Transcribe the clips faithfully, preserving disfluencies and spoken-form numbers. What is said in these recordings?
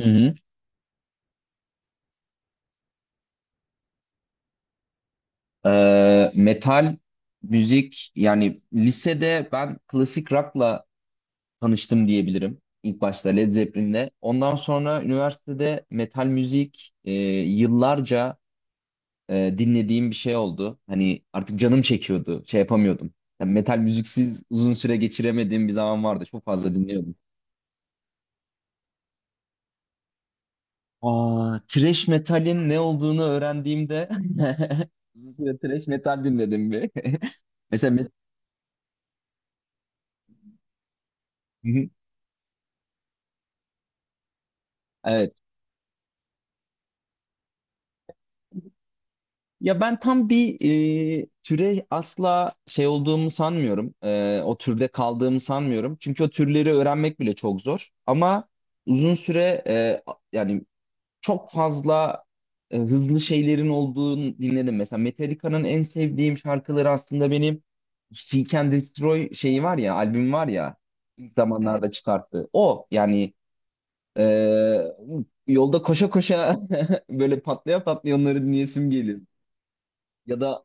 Hı hı. Ee, metal müzik, yani lisede ben klasik rock'la tanıştım diyebilirim. İlk başta Led Zeppelin'le. Ondan sonra üniversitede metal müzik e, yıllarca e, dinlediğim bir şey oldu. Hani artık canım çekiyordu. Şey yapamıyordum. Yani metal müziksiz uzun süre geçiremediğim bir zaman vardı. Çok fazla dinliyordum. Aa, thrash metalin ne olduğunu öğrendiğimde uzun süre thrash metal dinledim bir. Mesela met- Hı hı. Evet. Ya ben tam bir e, türe asla şey olduğumu sanmıyorum. E, o türde kaldığımı sanmıyorum. Çünkü o türleri öğrenmek bile çok zor. Ama uzun süre e, yani çok fazla e, hızlı şeylerin olduğunu dinledim. Mesela Metallica'nın en sevdiğim şarkıları aslında benim Seek and Destroy şeyi var ya, albüm var ya ilk Evet. zamanlarda çıkarttı. O yani e, yolda koşa koşa böyle patlaya patlaya onları dinleyesim geliyor. Ya da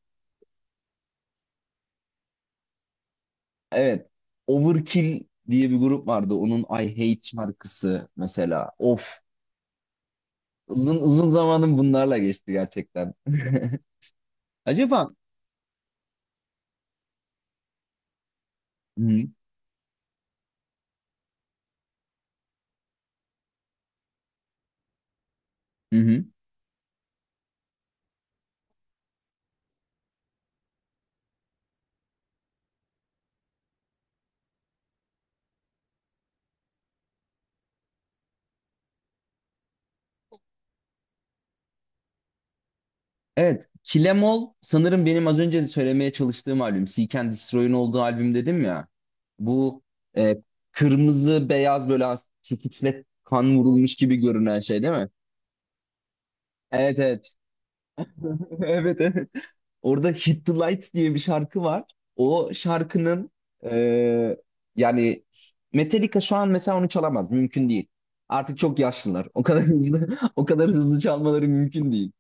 Evet. Overkill diye bir grup vardı. Onun I Hate şarkısı mesela. Of. Uzun uzun zamanım bunlarla geçti gerçekten. Acaba Hı hı. hı. Evet. Kilemol sanırım benim az önce de söylemeye çalıştığım albüm. Seek and Destroy'un olduğu albüm dedim ya. Bu e, kırmızı beyaz böyle as- çekiçle kan vurulmuş gibi görünen şey değil mi? Evet evet. Evet evet. Orada Hit the Lights diye bir şarkı var. O şarkının e, yani Metallica şu an mesela onu çalamaz. Mümkün değil. Artık çok yaşlılar. O kadar hızlı o kadar hızlı çalmaları mümkün değil.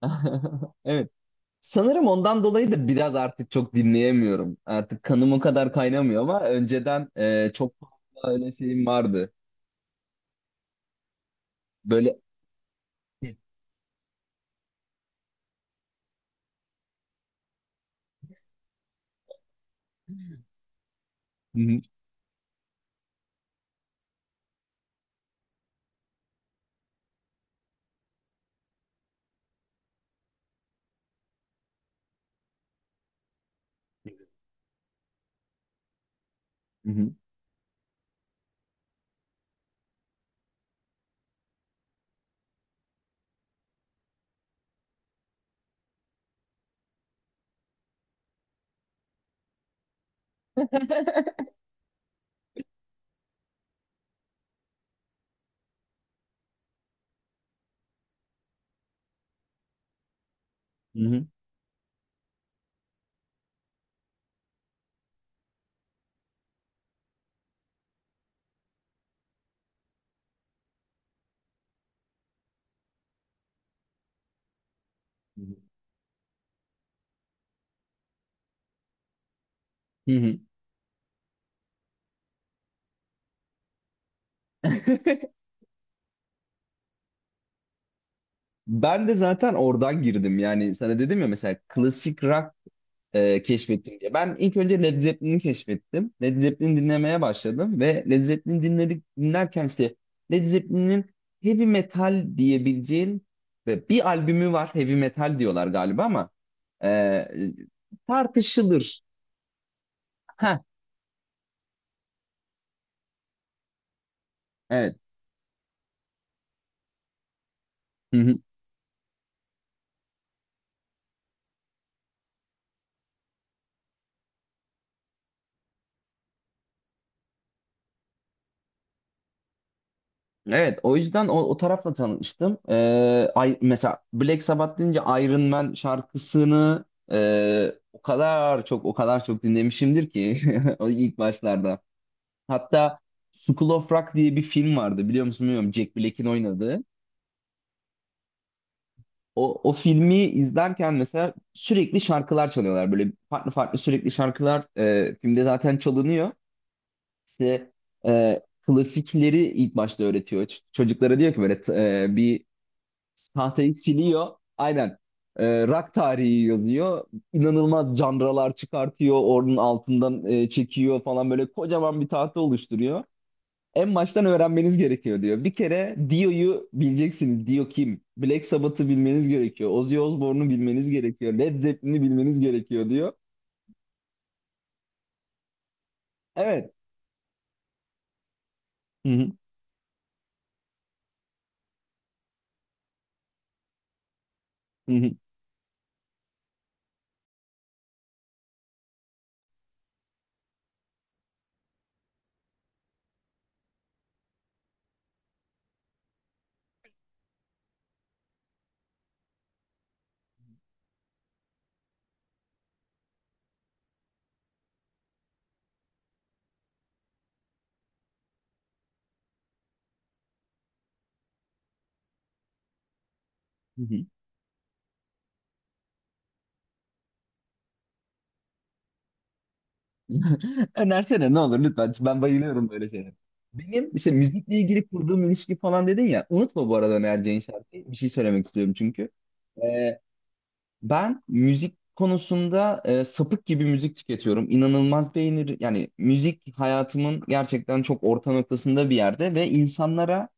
Evet. Sanırım ondan dolayı da biraz artık çok dinleyemiyorum. Artık kanım o kadar kaynamıyor ama önceden e, çok fazla öyle şeyim vardı. Böyle Hı hı, hı hı, hı hı, hı hı. Ben de zaten oradan girdim. Yani sana dedim ya mesela klasik rock e, keşfettim diye. Ben ilk önce Led Zeppelin'i keşfettim. Led Zeppelin dinlemeye başladım ve Led Zeppelin dinledik dinlerken işte Led Zeppelin'in heavy metal diyebileceğin ve bir albümü var heavy metal diyorlar galiba ama e, e, tartışılır. Ha evet. Evet, o yüzden o, o tarafla tanıştım. Ee, ay, mesela Black Sabbath deyince Iron Man şarkısını e, o kadar çok o kadar çok dinlemişimdir ki o ilk başlarda. Hatta School of Rock diye bir film vardı biliyor musun bilmiyorum Jack Black'in oynadığı. O, o filmi izlerken mesela sürekli şarkılar çalıyorlar böyle farklı farklı sürekli şarkılar e, filmde zaten çalınıyor. İşte e, klasikleri ilk başta öğretiyor. Ç- Çocuklara diyor ki böyle t- e, bir Tahtayı siliyor. Aynen. Ee, rock tarihi yazıyor. İnanılmaz canralar çıkartıyor. Onun altından e, çekiyor falan böyle kocaman bir tahta oluşturuyor. En baştan öğrenmeniz gerekiyor diyor. Bir kere Dio'yu bileceksiniz. Dio kim? Black Sabbath'ı bilmeniz gerekiyor. Ozzy Osbourne'u bilmeniz gerekiyor. Led Zeppelin'i bilmeniz gerekiyor diyor. Evet. Hı hı, hı hı, hı hı. Önersene ne olur lütfen. Ben bayılıyorum böyle şeylere. Benim işte müzikle ilgili kurduğum ilişki falan dedin ya. Unutma bu arada önereceğin şarkıyı. Bir şey söylemek istiyorum çünkü. Ee, ben müzik konusunda e, sapık gibi müzik tüketiyorum. İnanılmaz beğenir. Yani müzik hayatımın gerçekten çok orta noktasında bir yerde ve insanlara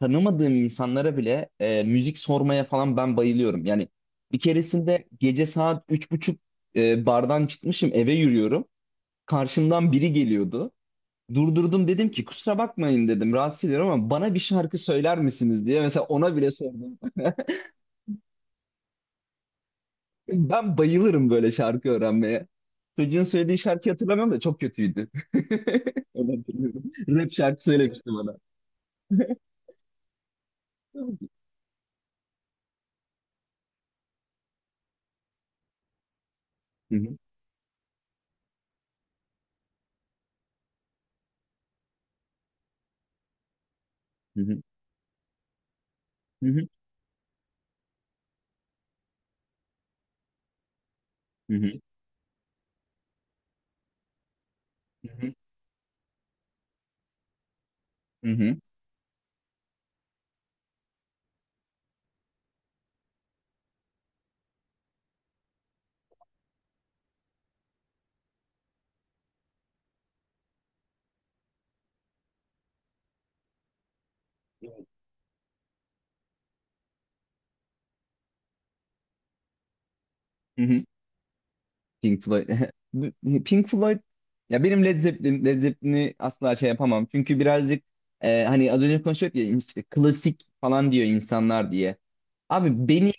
tanımadığım insanlara bile e, müzik sormaya falan ben bayılıyorum. Yani bir keresinde gece saat üç buçuk e, bardan çıkmışım eve yürüyorum. Karşımdan biri geliyordu. Durdurdum dedim ki kusura bakmayın dedim rahatsız ediyorum ama bana bir şarkı söyler misiniz diye mesela ona bile sordum. Ben bayılırım böyle şarkı öğrenmeye. Çocuğun söylediği şarkıyı hatırlamıyorum da çok kötüydü. Onu hatırlıyorum. Rap şarkı söylemişti bana. Hı hı, hı hı, hı hı, hı hı, hı hı, hı hı, hı hı. Pink Floyd. Bu- Pink Floyd ya benim Led Zeppelin, Led Zeppelin'i asla şey yapamam. Çünkü birazcık e, hani az önce konuşuyorduk ya işte klasik falan diyor insanlar diye. Abi beni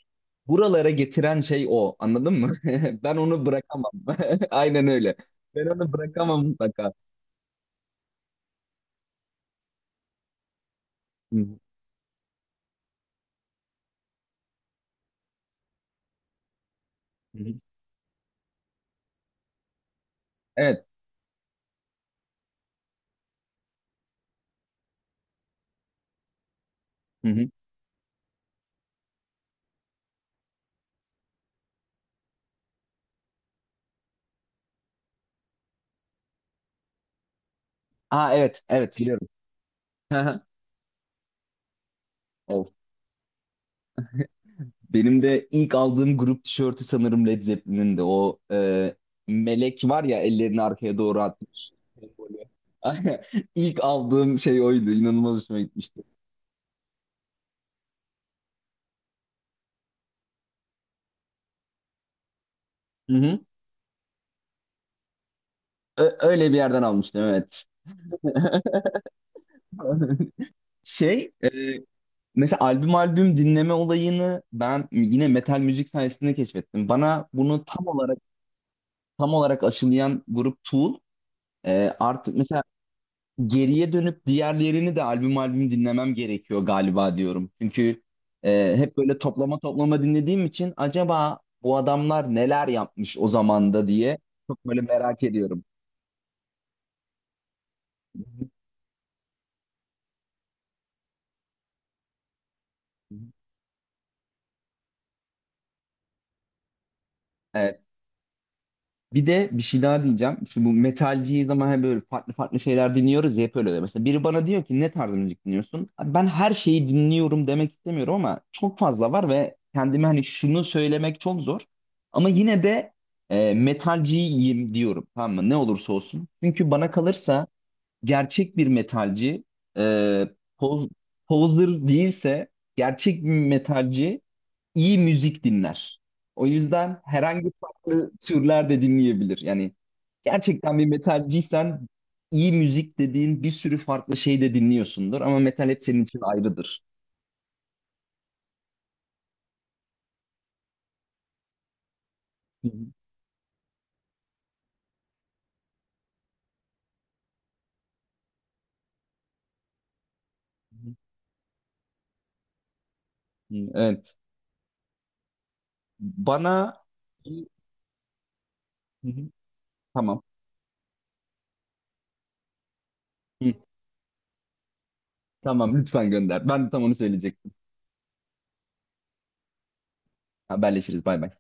buralara getiren şey o. Anladın mı? Ben onu bırakamam. Aynen öyle. Ben onu bırakamam mutlaka. Hı hı. Hı hı. Evet. Hı hı. Aa evet, evet biliyorum. Of. Benim de ilk aldığım grup tişörtü sanırım Led Zeppelin'in de o e, melek var ya ellerini arkaya doğru atmış. Sembolü. İlk aldığım şey oydu. İnanılmaz hoşuma gitmişti. Hı hı. Ö- öyle bir yerden almıştım evet. Şey e, mesela albüm albüm dinleme olayını ben yine metal müzik sayesinde keşfettim. Bana bunu tam olarak tam olarak aşılayan grup Tool. E, artık mesela geriye dönüp diğerlerini de albüm albüm dinlemem gerekiyor galiba diyorum. Çünkü e, hep böyle toplama toplama dinlediğim için acaba bu adamlar neler yapmış o zamanda diye çok böyle merak ediyorum. Evet. Bir de bir şey daha diyeceğim. Şu bu metalciyi zaman hep böyle farklı farklı şeyler dinliyoruz ya hep öyle oluyor. Mesela biri bana diyor ki ne tarz müzik dinliyorsun? Abi ben her şeyi dinliyorum demek istemiyorum ama çok fazla var ve kendime hani şunu söylemek çok zor. Ama yine de e, metalciyim diyorum tamam mı? Ne olursa olsun. Çünkü bana kalırsa gerçek bir metalci e, poz, poser değilse gerçek bir metalci iyi müzik dinler. O yüzden herhangi farklı türler de dinleyebilir. Yani gerçekten bir metalciysen iyi müzik dediğin bir sürü farklı şey de dinliyorsundur ama metal hep senin için ayrıdır. Hı hı, hı hı. Evet. Bana Hı hı. tamam. Hı, tamam lütfen gönder. Ben de tam onu söyleyecektim. Haberleşiriz. Bay bay.